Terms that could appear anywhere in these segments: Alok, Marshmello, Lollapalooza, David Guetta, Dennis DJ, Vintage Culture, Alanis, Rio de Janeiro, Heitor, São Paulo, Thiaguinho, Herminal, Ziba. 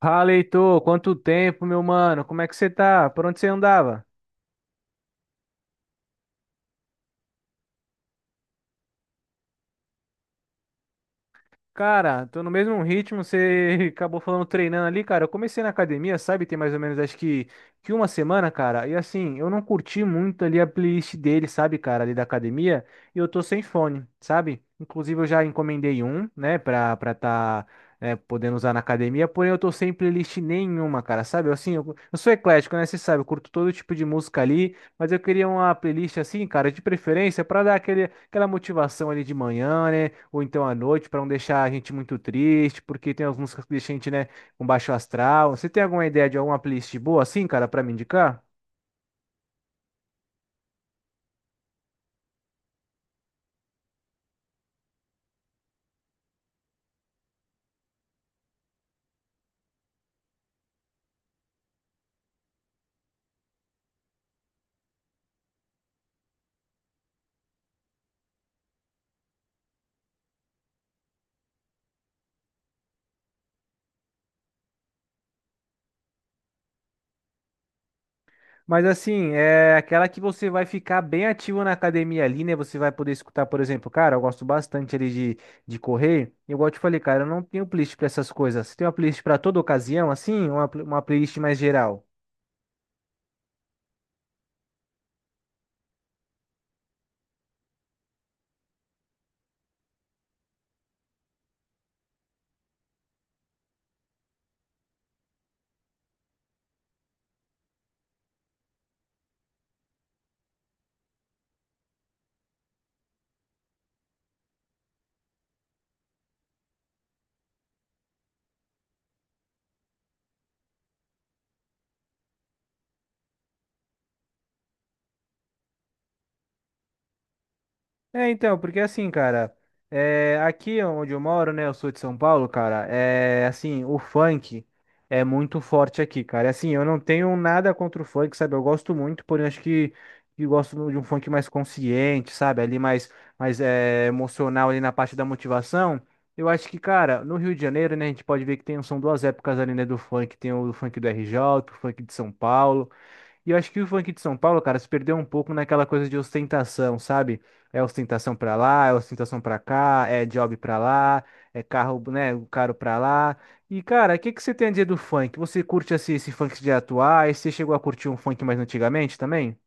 Fala, Heitor, quanto tempo, meu mano? Como é que você tá? Por onde você andava? Cara, tô no mesmo ritmo, você acabou falando treinando ali, cara. Eu comecei na academia, sabe? Tem mais ou menos acho que uma semana, cara. E assim, eu não curti muito ali a playlist dele, sabe, cara, ali da academia. E eu tô sem fone, sabe? Inclusive eu já encomendei um, né, pra tá, né, podendo usar na academia. Porém, eu tô sem playlist nenhuma, cara, sabe? Eu, assim, eu sou eclético, né? Você sabe, eu curto todo tipo de música ali. Mas eu queria uma playlist assim, cara, de preferência, pra dar aquela motivação ali de manhã, né? Ou então à noite, para não deixar a gente muito triste, porque tem as músicas que deixam a gente, né, com baixo astral. Você tem alguma ideia de alguma playlist boa assim, cara, para me indicar? Mas assim, é aquela que você vai ficar bem ativo na academia ali, né? Você vai poder escutar, por exemplo, cara, eu gosto bastante ali de correr. E igual eu te falei, cara, eu não tenho playlist para essas coisas. Você tem uma playlist para toda ocasião, assim, ou uma playlist mais geral? É, então, porque assim, cara, é, aqui onde eu moro, né, eu sou de São Paulo, cara, é assim, o funk é muito forte aqui, cara. É assim, eu não tenho nada contra o funk, sabe? Eu gosto muito, porém acho que gosto de um funk mais consciente, sabe? Ali mais, mais é, emocional ali na parte da motivação. Eu acho que, cara, no Rio de Janeiro, né, a gente pode ver que tem, são duas épocas ali, né, do funk. Tem o funk do RJ, o funk de São Paulo. E eu acho que o funk de São Paulo, cara, se perdeu um pouco naquela coisa de ostentação, sabe? É ostentação pra lá, é ostentação pra cá, é job pra lá, é carro, né, caro pra lá. E, cara, o que que você tem a dizer do funk? Você curte esse funk de atuais? Você chegou a curtir um funk mais antigamente também?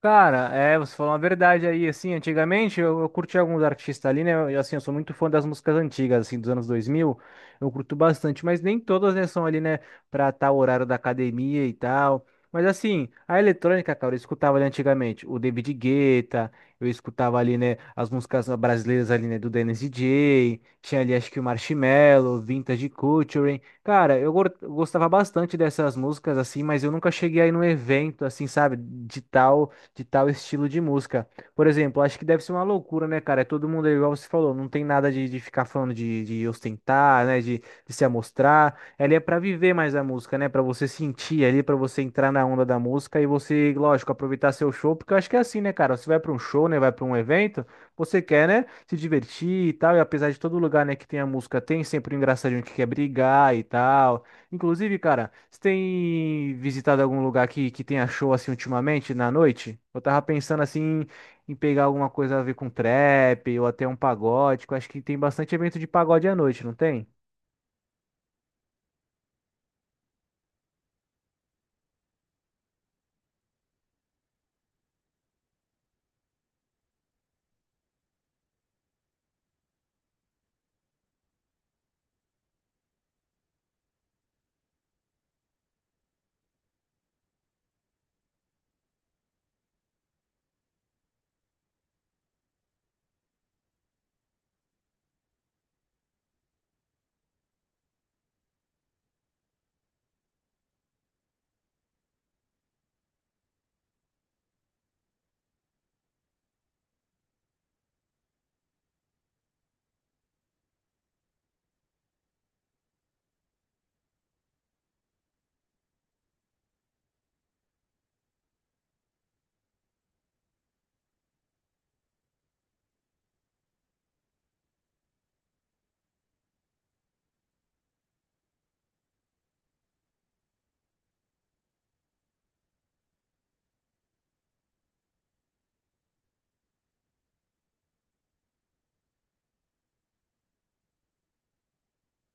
Cara, é, você falou uma verdade aí, assim, antigamente eu curti alguns artistas ali, né, eu, assim, eu sou muito fã das músicas antigas, assim, dos anos 2000 eu curto bastante, mas nem todas, né, são ali, né, pra tal horário da academia e tal, mas assim, a eletrônica, cara, eu escutava ali antigamente o David Guetta, eu escutava ali, né, as músicas brasileiras ali, né, do Dennis DJ, tinha ali, acho que o Marshmello, Vintage Culture, cara, eu gostava bastante dessas músicas, assim, mas eu nunca cheguei aí num evento, assim, sabe, de tal estilo de música. Por exemplo, acho que deve ser uma loucura, né, cara? É, todo mundo é igual você falou, não tem nada de, de ficar falando de ostentar, né, de se amostrar. Ela é pra viver mais a música, né, pra você sentir ali, pra você entrar na onda da música e você, lógico, aproveitar seu show, porque eu acho que é assim, né, cara? Você vai pra um show, né, vai pra um evento, você quer, né, se divertir e tal, e apesar de todo lugar, né, que tem a música, tem sempre um engraçadinho que quer brigar e tal. Inclusive, cara, você tem visitado algum lugar que tenha show assim ultimamente na noite? Eu tava pensando assim em pegar alguma coisa a ver com trap ou até um pagode, que eu acho que tem bastante evento de pagode à noite, não tem?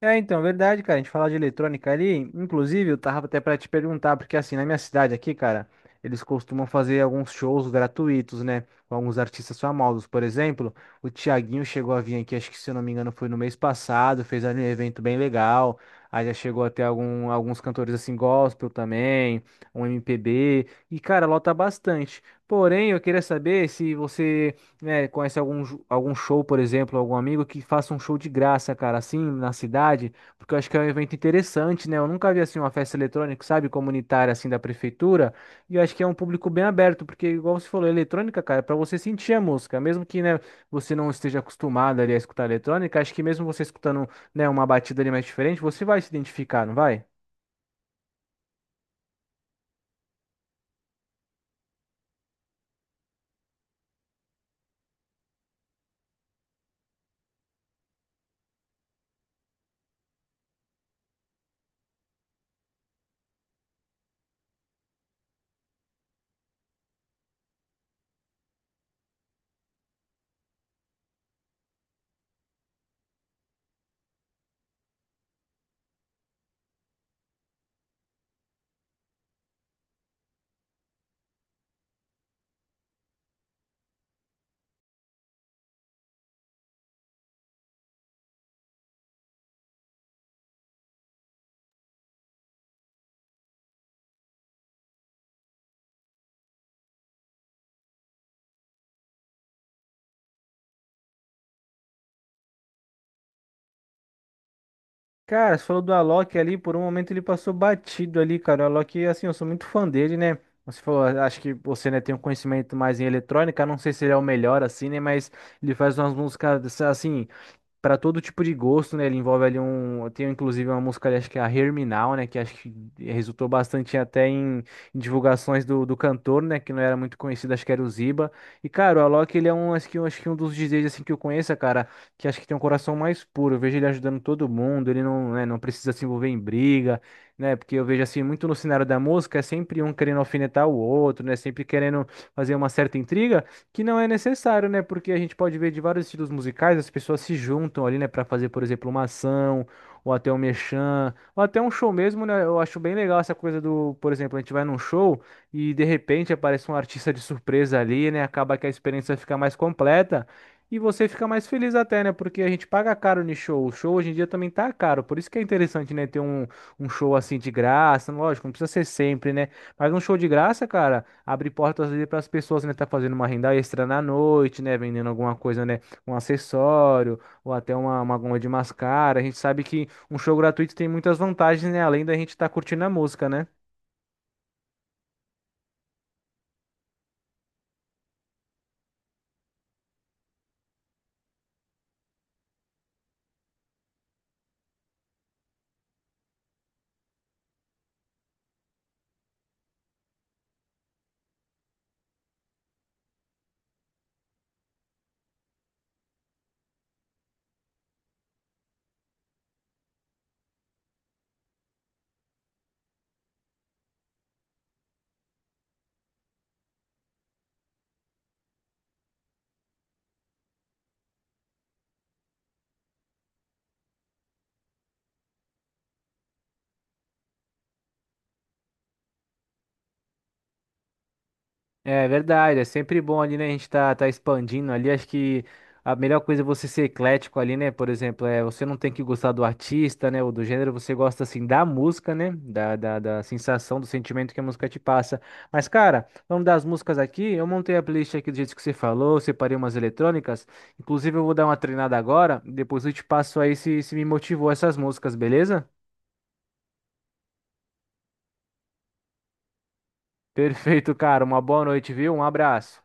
É, então, verdade, cara. A gente falar de eletrônica ali, inclusive, eu tava até pra te perguntar, porque assim, na minha cidade aqui, cara, eles costumam fazer alguns shows gratuitos, né? Com alguns artistas famosos. Por exemplo, o Thiaguinho chegou a vir aqui, acho que se eu não me engano, foi no mês passado, fez ali um evento bem legal. Aí já chegou até alguns cantores assim, gospel também, um MPB. E, cara, lota bastante. Porém, eu queria saber se você, né, conhece algum show, por exemplo, algum amigo que faça um show de graça, cara, assim, na cidade, porque eu acho que é um evento interessante, né? Eu nunca vi assim uma festa eletrônica, sabe, comunitária assim da prefeitura, e eu acho que é um público bem aberto, porque igual você falou, eletrônica, cara, é para você sentir a música, mesmo que, né, você não esteja acostumado ali a escutar eletrônica, acho que mesmo você escutando, né, uma batida ali mais diferente, você vai se identificar, não vai? Cara, você falou do Alok ali, por um momento ele passou batido ali, cara. O Alok, assim, eu sou muito fã dele, né? Você falou, acho que você, né, tem um conhecimento mais em eletrônica, não sei se ele é o melhor, assim, né? Mas ele faz umas músicas, assim, para todo tipo de gosto, né? Ele envolve ali um. Tem inclusive uma música ali, acho que é a Herminal, né? Que acho que resultou bastante até em, em divulgações do, do cantor, né? Que não era muito conhecido, acho que era o Ziba. E, cara, o Alok, ele é um, acho que um dos DJs assim, que eu conheço, cara, que acho que tem um coração mais puro. Eu vejo ele ajudando todo mundo, ele não, né, não precisa se envolver em briga, né? Porque eu vejo assim, muito no cenário da música, é sempre um querendo alfinetar o outro, né? Sempre querendo fazer uma certa intriga. Que não é necessário, né? Porque a gente pode ver de vários estilos musicais, as pessoas se juntam ali, né, pra fazer, por exemplo, uma ação, ou até um merchan, ou até um show mesmo, né? Eu acho bem legal essa coisa do, por exemplo, a gente vai num show e de repente aparece um artista de surpresa ali, né? Acaba que a experiência fica mais completa e você fica mais feliz até, né? Porque a gente paga caro no show. O show hoje em dia também tá caro, por isso que é interessante, né, ter um show assim de graça, lógico, não precisa ser sempre, né? Mas um show de graça, cara, abre portas ali para as pessoas, né, tá fazendo uma renda extra na noite, né, vendendo alguma coisa, né, um acessório ou até uma goma de mascara. A gente sabe que um show gratuito tem muitas vantagens, né, além da gente estar curtindo a música, né? É verdade, é sempre bom ali, né? A gente tá expandindo ali. Acho que a melhor coisa é você ser eclético ali, né? Por exemplo, é, você não tem que gostar do artista, né? Ou do gênero, você gosta assim da música, né? Da sensação, do sentimento que a música te passa. Mas, cara, vamos das músicas aqui. Eu montei a playlist aqui do jeito que você falou, separei umas eletrônicas. Inclusive, eu vou dar uma treinada agora. Depois eu te passo aí se me motivou essas músicas, beleza? Perfeito, cara. Uma boa noite, viu? Um abraço.